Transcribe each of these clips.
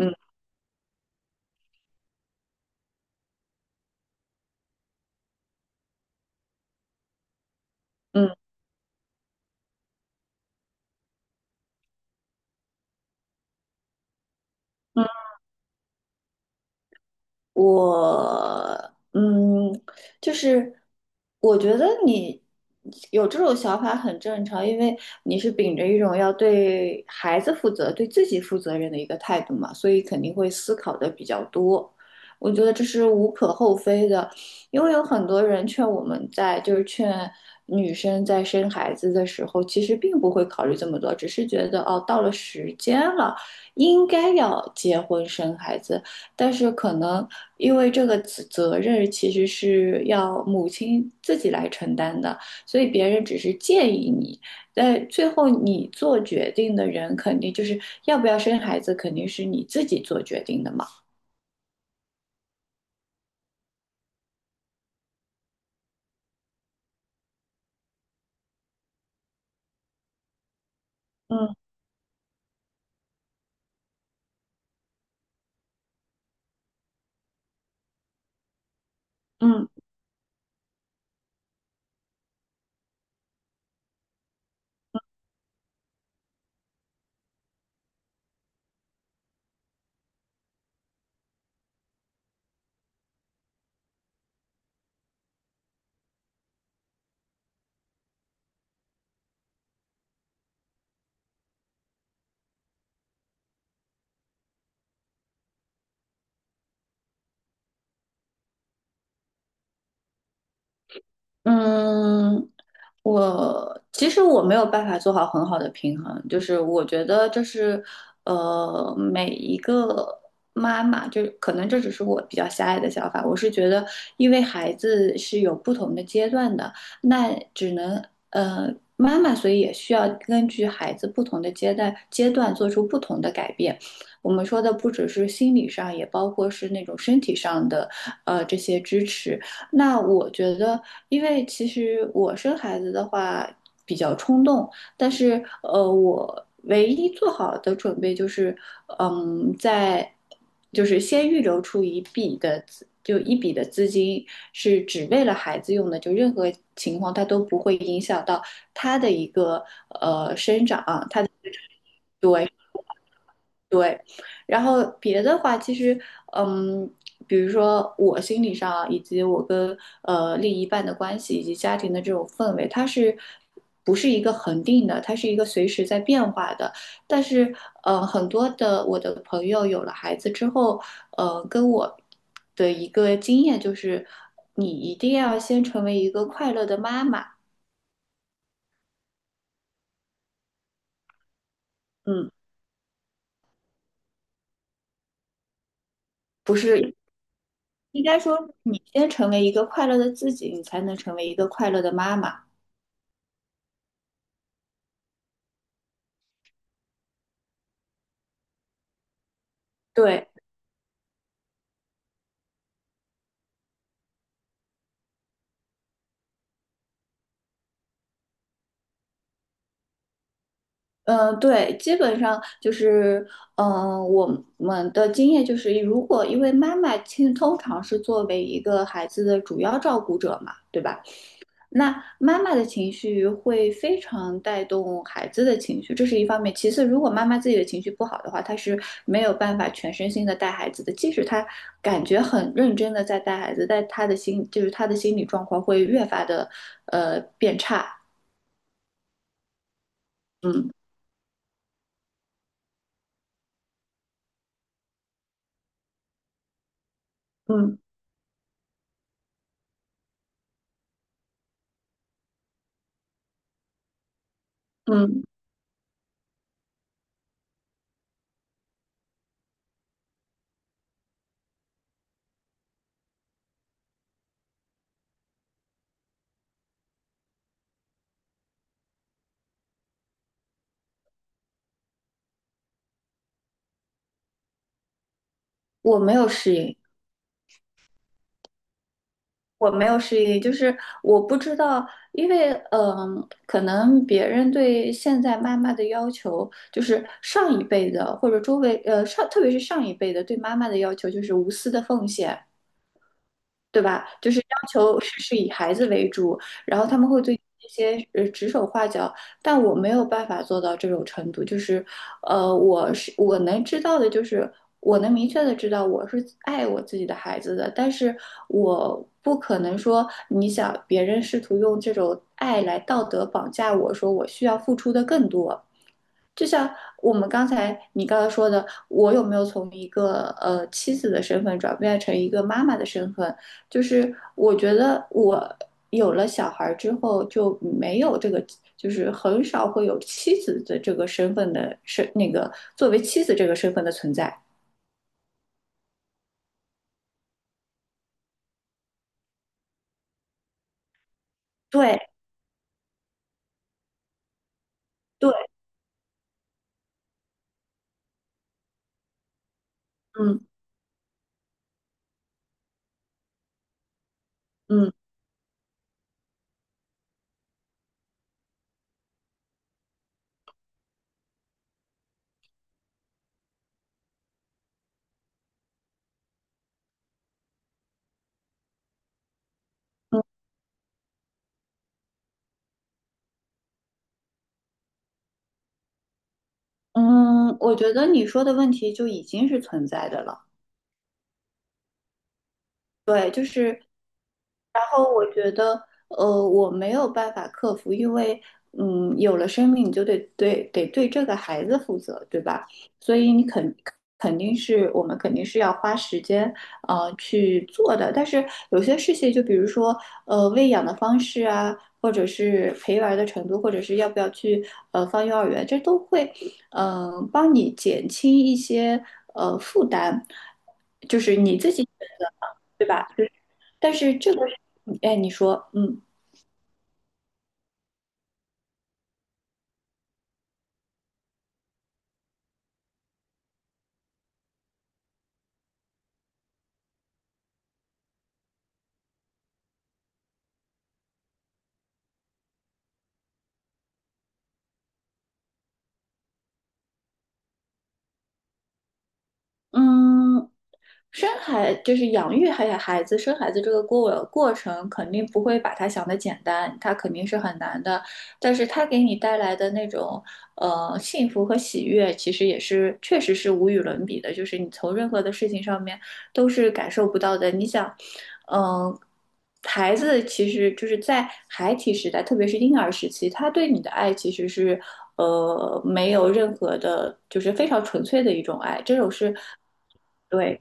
嗯嗯嗯。我就是我觉得你有这种想法很正常，因为你是秉着一种要对孩子负责、对自己负责任的一个态度嘛，所以肯定会思考的比较多。我觉得这是无可厚非的，因为有很多人劝我们在，就是劝女生在生孩子的时候，其实并不会考虑这么多，只是觉得哦，到了时间了，应该要结婚生孩子。但是可能因为这个责任其实是要母亲自己来承担的，所以别人只是建议你，但最后你做决定的人肯定就是要不要生孩子，肯定是你自己做决定的嘛。嗯嗯。嗯，我其实我没有办法做好很好的平衡，就是我觉得这是每一个妈妈，就可能这只是我比较狭隘的想法，我是觉得因为孩子是有不同的阶段的，那只能妈妈，所以也需要根据孩子不同的阶段做出不同的改变。我们说的不只是心理上，也包括是那种身体上的这些支持。那我觉得，因为其实我生孩子的话比较冲动，但是我唯一做好的准备就是，嗯，在就是先预留出一笔的资，就一笔的资金是只为了孩子用的，就任何情况它都不会影响到他的一个生长。对。对，然后别的话，其实，嗯，比如说我心理上啊以及我跟另一半的关系，以及家庭的这种氛围，它是不是一个恒定的？它是一个随时在变化的。但是，很多的我的朋友有了孩子之后，跟我的一个经验就是，你一定要先成为一个快乐的妈妈。嗯，不是，应该说你先成为一个快乐的自己，你才能成为一个快乐的妈妈。对，嗯，对，基本上就是，嗯、我们的经验就是，如果因为妈妈其实通常是作为一个孩子的主要照顾者嘛，对吧？那妈妈的情绪会非常带动孩子的情绪，这是一方面。其次，如果妈妈自己的情绪不好的话，她是没有办法全身心的带孩子的，即使她感觉很认真的在带孩子，但她的心就是她的心理状况会越发的变差。嗯嗯嗯，我没有适应。我没有失忆，就是我不知道，因为嗯，可能别人对现在妈妈的要求，就是上一辈的或者周围上，特别是上一辈的对妈妈的要求就是无私的奉献，对吧？就是要求事事以孩子为主，然后他们会对这些指手画脚，但我没有办法做到这种程度。就是，我是我能知道的，就是我能明确的知道我是爱我自己的孩子的，但是我不可能说你想别人试图用这种爱来道德绑架我，说我需要付出的更多。就像我们刚才你刚才说的，我有没有从一个妻子的身份转变成一个妈妈的身份？就是我觉得我有了小孩儿之后就没有这个，就是很少会有妻子的这个身份的身那个作为妻子这个身份的存在。对对，嗯嗯嗯，我觉得你说的问题就已经是存在的了。对，就是。然后我觉得，我没有办法克服，因为，嗯，有了生命，你就得对这个孩子负责，对吧？所以你肯肯定是我们肯定是要花时间，去做的。但是有些事情，就比如说，喂养的方式啊，或者是陪玩儿的程度，或者是要不要去放幼儿园，这都会，帮你减轻一些负担，就是你自己选择嘛，对吧？就是但是这个。哎，你说，嗯嗯。生孩就是养育孩子、生孩子这个过程，肯定不会把它想的简单，它肯定是很难的。但是它给你带来的那种幸福和喜悦，其实也是确实是无与伦比的。就是你从任何的事情上面都是感受不到的。你想，嗯、孩子其实就是在孩提时代，特别是婴儿时期，他对你的爱其实是没有任何的，就是非常纯粹的一种爱。这种是对。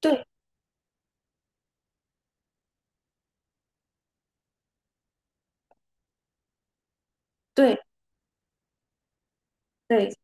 对，对对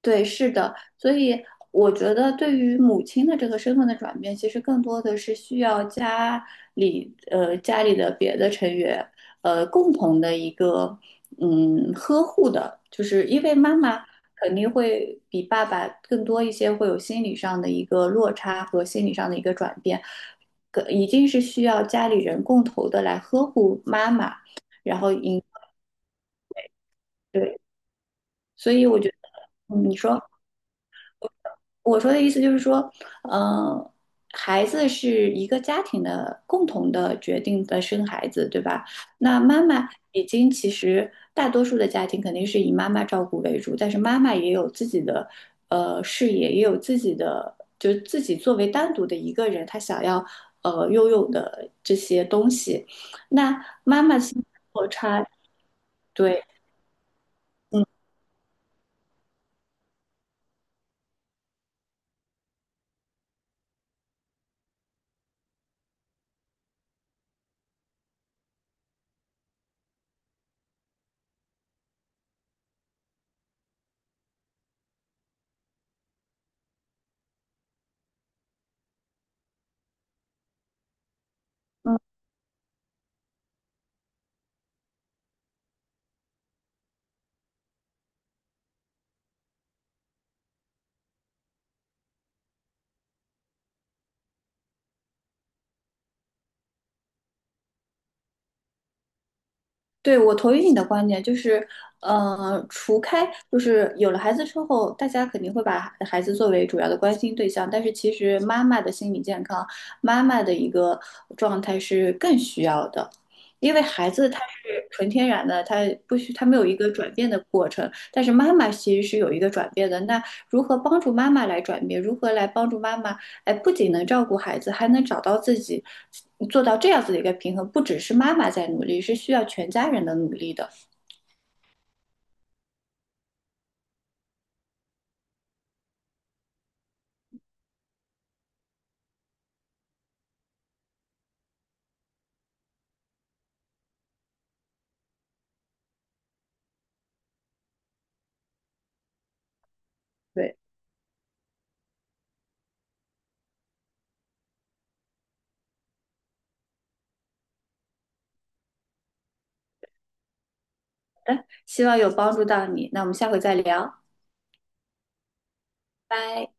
对，是的，所以我觉得对于母亲的这个身份的转变，其实更多的是需要家里的别的成员共同的一个嗯呵护的，就是因为妈妈肯定会比爸爸更多一些，会有心理上的一个落差和心理上的一个转变，可一定是需要家里人共同的来呵护妈妈，然后引对，所以我觉得嗯你说。我说的意思就是说，呃，孩子是一个家庭的共同的决定的生孩子，对吧？那妈妈已经其实大多数的家庭肯定是以妈妈照顾为主，但是妈妈也有自己的事业，也有自己的，就是自己作为单独的一个人，她想要拥有的这些东西。那妈妈心里落差，对。嗯。对，我同意你的观点，就是，除开就是有了孩子之后，大家肯定会把孩子作为主要的关心对象，但是其实妈妈的心理健康，妈妈的一个状态是更需要的，因为孩子他是纯天然的，他不需他没有一个转变的过程，但是妈妈其实是有一个转变的。那如何帮助妈妈来转变？如何来帮助妈妈哎，不仅能照顾孩子，还能找到自己，做到这样子的一个平衡。不只是妈妈在努力，是需要全家人的努力的。对，希望有帮助到你。那我们下回再聊，拜。